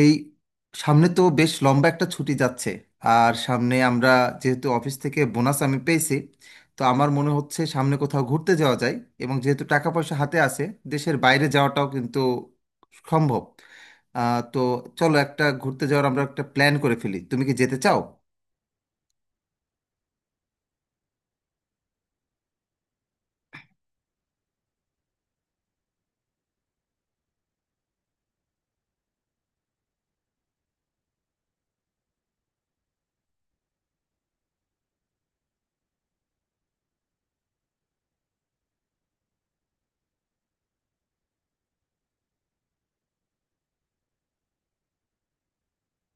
এই সামনে তো বেশ লম্বা একটা ছুটি যাচ্ছে। আর সামনে আমরা, যেহেতু অফিস থেকে বোনাস আমি পেয়েছি, তো আমার মনে হচ্ছে সামনে কোথাও ঘুরতে যাওয়া যায়। এবং যেহেতু টাকা পয়সা হাতে আছে, দেশের বাইরে যাওয়াটাও কিন্তু সম্ভব। তো চলো একটা ঘুরতে যাওয়ার আমরা একটা প্ল্যান করে ফেলি, তুমি কি যেতে চাও?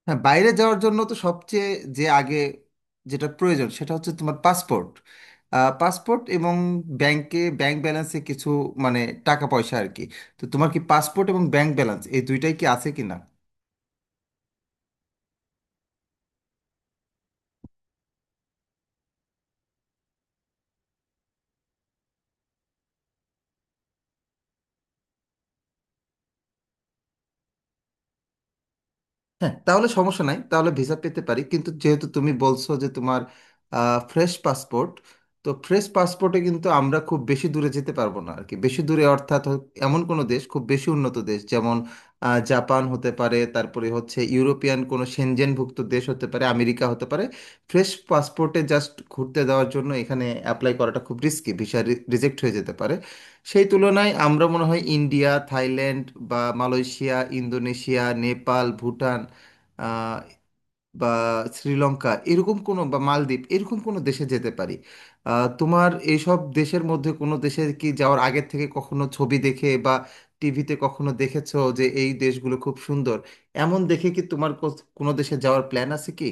হ্যাঁ, বাইরে যাওয়ার জন্য তো সবচেয়ে যে আগে যেটা প্রয়োজন সেটা হচ্ছে তোমার পাসপোর্ট। পাসপোর্ট এবং ব্যাংক ব্যালেন্সে কিছু, মানে, টাকা পয়সা আর কি। তো তোমার কি পাসপোর্ট এবং ব্যাংক ব্যালেন্স এই দুইটাই কি আছে কিনা? হ্যাঁ তাহলে সমস্যা নাই, তাহলে ভিসা পেতে পারি, কিন্তু যেহেতু তুমি বলছো যে তোমার ফ্রেশ পাসপোর্ট, তো ফ্রেশ পাসপোর্টে কিন্তু আমরা খুব বেশি দূরে যেতে পারবো না আর কি। বেশি দূরে অর্থাৎ এমন কোনো দেশ, খুব বেশি উন্নত দেশ, যেমন জাপান হতে পারে, তারপরে হচ্ছে ইউরোপিয়ান কোনো সেনজেনভুক্ত দেশ হতে পারে, আমেরিকা হতে পারে। ফ্রেশ পাসপোর্টে জাস্ট ঘুরতে দেওয়ার জন্য এখানে অ্যাপ্লাই করাটা খুব রিস্কি, ভিসা রিজেক্ট হয়ে যেতে পারে। সেই তুলনায় আমরা মনে হয় ইন্ডিয়া, থাইল্যান্ড, বা মালয়েশিয়া, ইন্দোনেশিয়া, নেপাল, ভুটান আহ, বা শ্রীলঙ্কা এরকম কোনো, বা মালদ্বীপ এরকম কোনো দেশে যেতে পারি। তোমার এইসব দেশের মধ্যে কোনো দেশে কি যাওয়ার আগের থেকে কখনো ছবি দেখে বা টিভিতে কখনো দেখেছো যে এই দেশগুলো খুব সুন্দর, এমন দেখে কি তোমার কোনো দেশে যাওয়ার প্ল্যান আছে কি?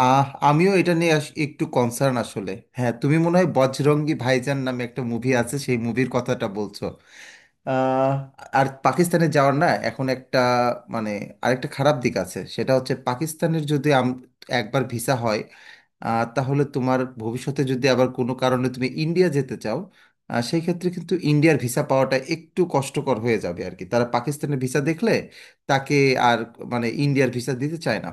আমিও এটা নিয়ে একটু কনসার্ন আসলে। হ্যাঁ, তুমি মনে হয় বজরঙ্গি ভাইজান নামে একটা মুভি আছে, সেই মুভির কথাটা বলছো। আহ, আর পাকিস্তানে যাওয়ার, না এখন একটা, মানে, আরেকটা খারাপ দিক আছে, সেটা হচ্ছে পাকিস্তানের যদি একবার ভিসা হয়, তাহলে তোমার ভবিষ্যতে যদি আবার কোনো কারণে তুমি ইন্ডিয়া যেতে চাও, সেই ক্ষেত্রে কিন্তু ইন্ডিয়ার ভিসা পাওয়াটা একটু কষ্টকর হয়ে যাবে আর কি, তারা পাকিস্তানের ভিসা দেখলে তাকে আর, মানে, ইন্ডিয়ার ভিসা দিতে চায় না।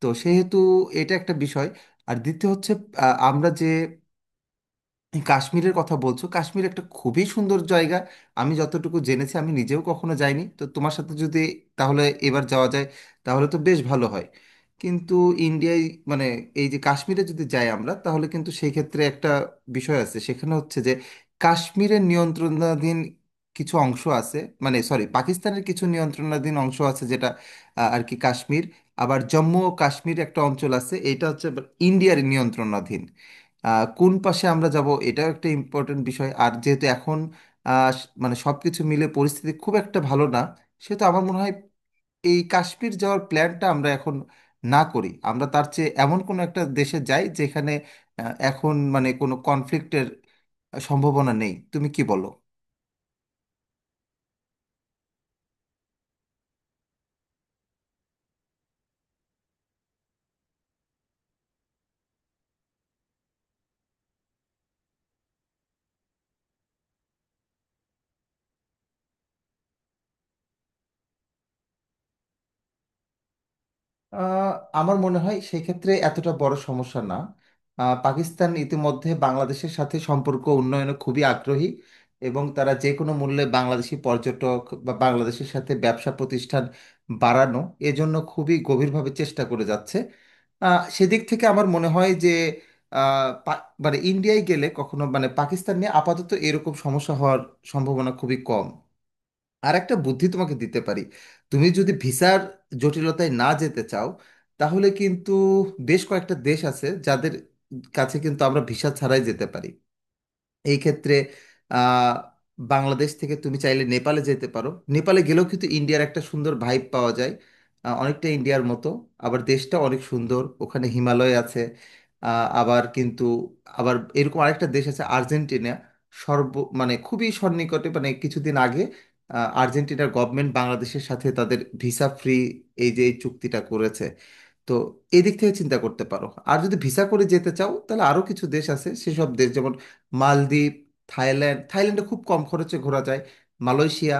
তো সেহেতু এটা একটা বিষয়। আর দ্বিতীয় হচ্ছে, আমরা যে এই কাশ্মীরের কথা বলছো, কাশ্মীর একটা খুবই সুন্দর জায়গা। আমি যতটুকু জেনেছি, আমি নিজেও কখনো যাইনি, তো তোমার সাথে যদি তাহলে এবার যাওয়া যায় তাহলে তো বেশ ভালো হয়। কিন্তু ইন্ডিয়ায়, মানে, এই যে কাশ্মীরে যদি যাই আমরা তাহলে কিন্তু সেই ক্ষেত্রে একটা বিষয় আছে, সেখানে হচ্ছে যে কাশ্মীরের নিয়ন্ত্রণাধীন কিছু অংশ আছে, মানে সরি, পাকিস্তানের কিছু নিয়ন্ত্রণাধীন অংশ আছে যেটা, আর কি কাশ্মীর। আবার জম্মু ও কাশ্মীর একটা অঞ্চল আছে, এটা হচ্ছে আবার ইন্ডিয়ার নিয়ন্ত্রণাধীন। কোন পাশে আমরা যাব এটাও একটা ইম্পর্টেন্ট বিষয়। আর যেহেতু এখন মানে সব কিছু মিলে পরিস্থিতি খুব একটা ভালো না, সেহেতু আমার মনে হয় এই কাশ্মীর যাওয়ার প্ল্যানটা আমরা এখন না করি, আমরা তার চেয়ে এমন কোনো একটা দেশে যাই যেখানে এখন মানে কোনো কনফ্লিক্টের সম্ভাবনা নেই, তুমি কি বলো? আহ, আমার মনে হয় সেক্ষেত্রে এতটা বড় সমস্যা না। পাকিস্তান ইতিমধ্যে বাংলাদেশের সাথে সম্পর্ক উন্নয়নে খুবই আগ্রহী, এবং তারা যে কোনো মূল্যে বাংলাদেশি পর্যটক বা বাংলাদেশের সাথে ব্যবসা প্রতিষ্ঠান বাড়ানো, এজন্য খুবই গভীরভাবে চেষ্টা করে যাচ্ছে। সেদিক থেকে আমার মনে হয় যে, মানে ইন্ডিয়ায় গেলে কখনো, মানে, পাকিস্তান নিয়ে আপাতত এরকম সমস্যা হওয়ার সম্ভাবনা খুবই কম। আর একটা বুদ্ধি তোমাকে দিতে পারি, তুমি যদি ভিসার জটিলতায় না যেতে চাও তাহলে কিন্তু বেশ কয়েকটা দেশ আছে যাদের কাছে কিন্তু আমরা ভিসা ছাড়াই যেতে পারি। এই ক্ষেত্রে আহ, বাংলাদেশ থেকে তুমি চাইলে নেপালে যেতে পারো। নেপালে গেলেও কিন্তু ইন্ডিয়ার একটা সুন্দর ভাইব পাওয়া যায়, অনেকটা ইন্ডিয়ার মতো, আবার দেশটা অনেক সুন্দর, ওখানে হিমালয় আছে। আবার কিন্তু আবার এরকম আরেকটা দেশ আছে, আর্জেন্টিনা। সর্ব, মানে, খুবই সন্নিকটে, মানে, কিছুদিন আগে আর্জেন্টিনার গভর্নমেন্ট বাংলাদেশের সাথে তাদের ভিসা ফ্রি, এই যে এই চুক্তিটা করেছে। তো এদিক থেকে চিন্তা করতে পারো। আর যদি ভিসা করে যেতে চাও তাহলে আরো কিছু দেশ আছে, সেসব দেশ যেমন মালদ্বীপ, থাইল্যান্ড; থাইল্যান্ডে খুব কম খরচে ঘোরা যায়। মালয়েশিয়া,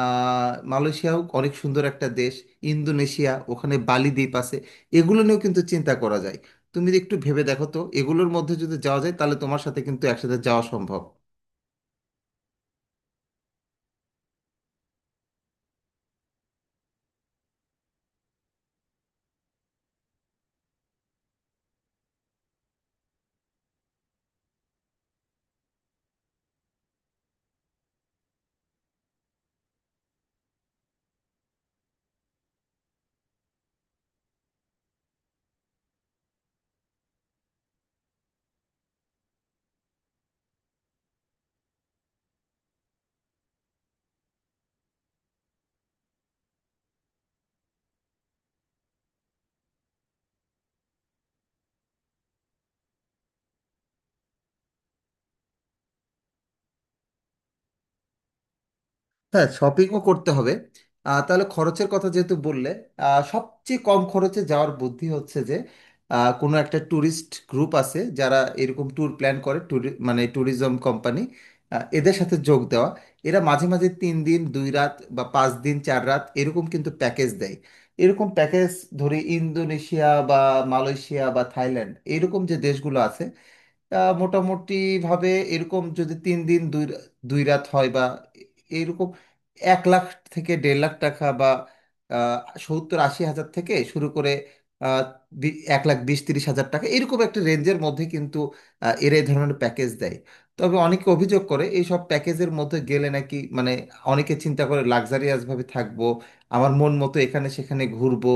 মালয়েশিয়াও অনেক সুন্দর একটা দেশ। ইন্দোনেশিয়া, ওখানে বালি দ্বীপ আছে। এগুলো নিয়েও কিন্তু চিন্তা করা যায়। তুমি একটু ভেবে দেখো তো, এগুলোর মধ্যে যদি যাওয়া যায় তাহলে তোমার সাথে কিন্তু একসাথে যাওয়া সম্ভব। হ্যাঁ, শপিংও করতে হবে। তাহলে খরচের কথা যেহেতু বললে, সবচেয়ে কম খরচে যাওয়ার বুদ্ধি হচ্ছে যে কোনো একটা ট্যুরিস্ট গ্রুপ আছে যারা এরকম ট্যুর প্ল্যান করে, মানে ট্যুরিজম কোম্পানি, এদের সাথে যোগ দেওয়া। এরা মাঝে মাঝে 3 দিন 2 রাত বা 5 দিন 4 রাত এরকম কিন্তু প্যাকেজ দেয়। এরকম প্যাকেজ, ধরি ইন্দোনেশিয়া বা মালয়েশিয়া বা থাইল্যান্ড এরকম যে দেশগুলো আছে, মোটামুটি ভাবে এরকম যদি তিন দিন দুই রা- 2 রাত হয় বা এরকম, 1 লাখ থেকে 1.5 লাখ টাকা বা আহ, 70-80 হাজার থেকে শুরু করে আহ, 1 লাখ 20-30 হাজার টাকা এরকম একটা রেঞ্জের মধ্যে কিন্তু এরা এই ধরনের প্যাকেজ দেয়। তবে অনেকে অভিযোগ করে এই সব প্যাকেজের মধ্যে গেলে নাকি, মানে, অনেকে চিন্তা করে লাক্সারিয়াস ভাবে থাকবো, আমার মন মতো এখানে সেখানে ঘুরবো,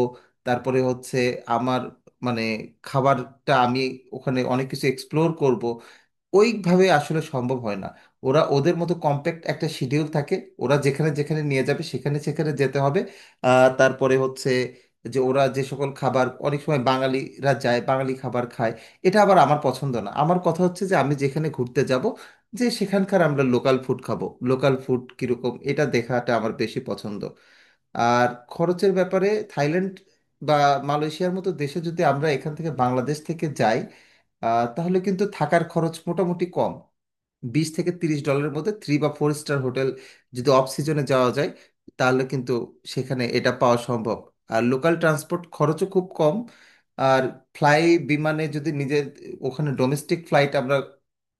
তারপরে হচ্ছে আমার, মানে, খাবারটা আমি ওখানে অনেক কিছু এক্সপ্লোর করব, ওইভাবে আসলে সম্ভব হয় না। ওরা ওদের মতো কম্প্যাক্ট একটা শিডিউল থাকে, ওরা যেখানে যেখানে নিয়ে যাবে সেখানে সেখানে যেতে হবে। তারপরে হচ্ছে যে ওরা যে সকল খাবার, অনেক সময় বাঙালিরা যায় বাঙালি খাবার খায়, এটা আবার আমার পছন্দ না। আমার কথা হচ্ছে যে আমি যেখানে ঘুরতে যাব যে সেখানকার আমরা লোকাল ফুড খাবো, লোকাল ফুড কীরকম এটা দেখাটা আমার বেশি পছন্দ। আর খরচের ব্যাপারে থাইল্যান্ড বা মালয়েশিয়ার মতো দেশে যদি আমরা এখান থেকে, বাংলাদেশ থেকে যাই, তাহলে কিন্তু থাকার খরচ মোটামুটি কম, বিশ থেকে তিরিশ ডলারের মধ্যে থ্রি বা ফোর স্টার হোটেল, যদি অফ সিজনে যাওয়া যায় তাহলে কিন্তু সেখানে এটা পাওয়া সম্ভব। আর লোকাল ট্রান্সপোর্ট খরচও খুব কম। আর ফ্লাই, বিমানে যদি নিজের, ওখানে ডোমেস্টিক ফ্লাইট আমরা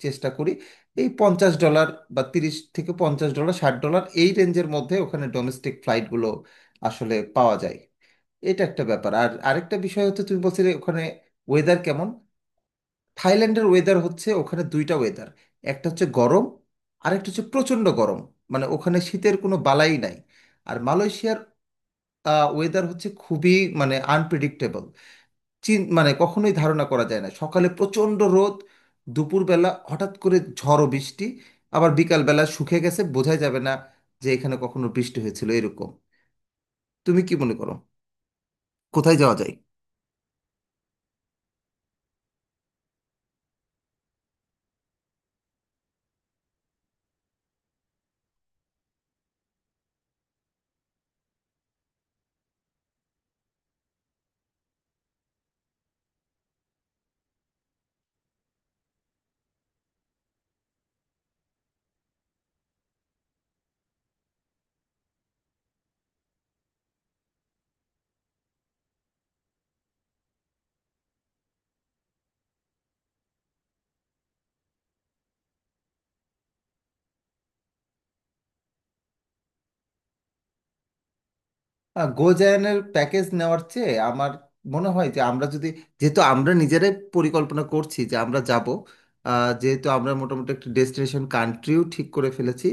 চেষ্টা করি, এই 50 ডলার বা 30 থেকে 50 ডলার, 60 ডলার এই রেঞ্জের মধ্যে ওখানে ডোমেস্টিক ফ্লাইটগুলো আসলে পাওয়া যায়। এটা একটা ব্যাপার। আর আরেকটা বিষয় হচ্ছে তুমি বলছিলে ওখানে ওয়েদার কেমন, থাইল্যান্ডের ওয়েদার হচ্ছে ওখানে দুইটা ওয়েদার, একটা হচ্ছে গরম আর একটা হচ্ছে প্রচণ্ড গরম, মানে ওখানে শীতের কোনো বালাই নাই। আর মালয়েশিয়ার ওয়েদার হচ্ছে খুবই, মানে, আনপ্রেডিক্টেবল, মানে কখনোই ধারণা করা যায় না, সকালে প্রচণ্ড রোদ, দুপুরবেলা হঠাৎ করে ঝড় ও বৃষ্টি, আবার বিকালবেলা শুকিয়ে গেছে, বোঝাই যাবে না যে এখানে কখনো বৃষ্টি হয়েছিল এরকম। তুমি কি মনে করো কোথায় যাওয়া যায়? গোজায়নের প্যাকেজ নেওয়ার চেয়ে আমার মনে হয় যে আমরা যদি, যেহেতু আমরা নিজেরাই পরিকল্পনা করছি যে আমরা যাব, যেহেতু আমরা মোটামুটি একটা ডেস্টিনেশন কান্ট্রিও ঠিক করে ফেলেছি,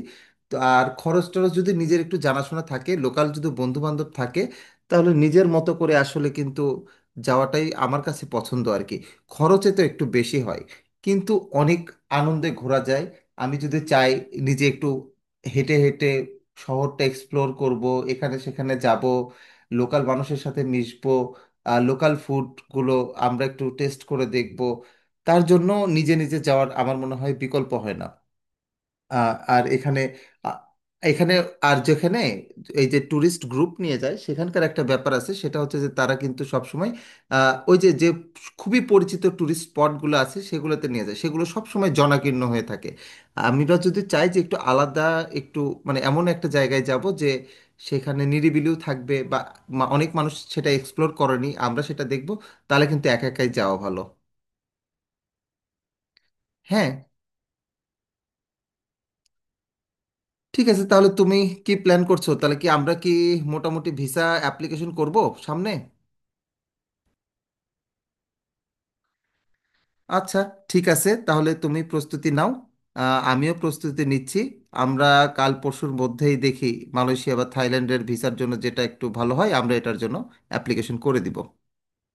তো আর খরচ টরচ যদি নিজের একটু জানাশোনা থাকে, লোকাল যদি বন্ধু বান্ধব থাকে, তাহলে নিজের মতো করে আসলে কিন্তু যাওয়াটাই আমার কাছে পছন্দ আর কি। খরচে তো একটু বেশি হয় কিন্তু অনেক আনন্দে ঘোরা যায়। আমি যদি চাই নিজে একটু হেঁটে হেঁটে শহরটা এক্সপ্লোর করব, এখানে সেখানে যাব, লোকাল মানুষের সাথে মিশবো, লোকাল ফুডগুলো আমরা একটু টেস্ট করে দেখব, তার জন্য নিজে নিজে যাওয়ার আমার মনে হয় বিকল্প হয় না। আর এখানে, আ- এখানে আর যেখানে এই যে ট্যুরিস্ট গ্রুপ নিয়ে যায় সেখানকার একটা ব্যাপার আছে, সেটা হচ্ছে যে তারা কিন্তু সবসময় ওই যে যে খুবই পরিচিত ট্যুরিস্ট স্পটগুলো আছে সেগুলোতে নিয়ে যায়, সেগুলো সবসময় জনাকীর্ণ হয়ে থাকে। আমরা যদি চাই যে একটু আলাদা, একটু, মানে, এমন একটা জায়গায় যাব যে সেখানে নিরিবিলিও থাকবে, বা অনেক মানুষ সেটা এক্সপ্লোর করেনি আমরা সেটা দেখব, তাহলে কিন্তু একা একাই যাওয়া ভালো। হ্যাঁ ঠিক আছে, তাহলে তুমি কি প্ল্যান করছো, তাহলে কি আমরা কি মোটামুটি ভিসা অ্যাপ্লিকেশন করব সামনে? আচ্ছা, ঠিক আছে, তাহলে তুমি প্রস্তুতি নাও, আমিও প্রস্তুতি নিচ্ছি। আমরা কাল পরশুর মধ্যেই দেখি মালয়েশিয়া বা থাইল্যান্ডের ভিসার জন্য যেটা একটু ভালো হয় আমরা এটার জন্য অ্যাপ্লিকেশন করে দিব।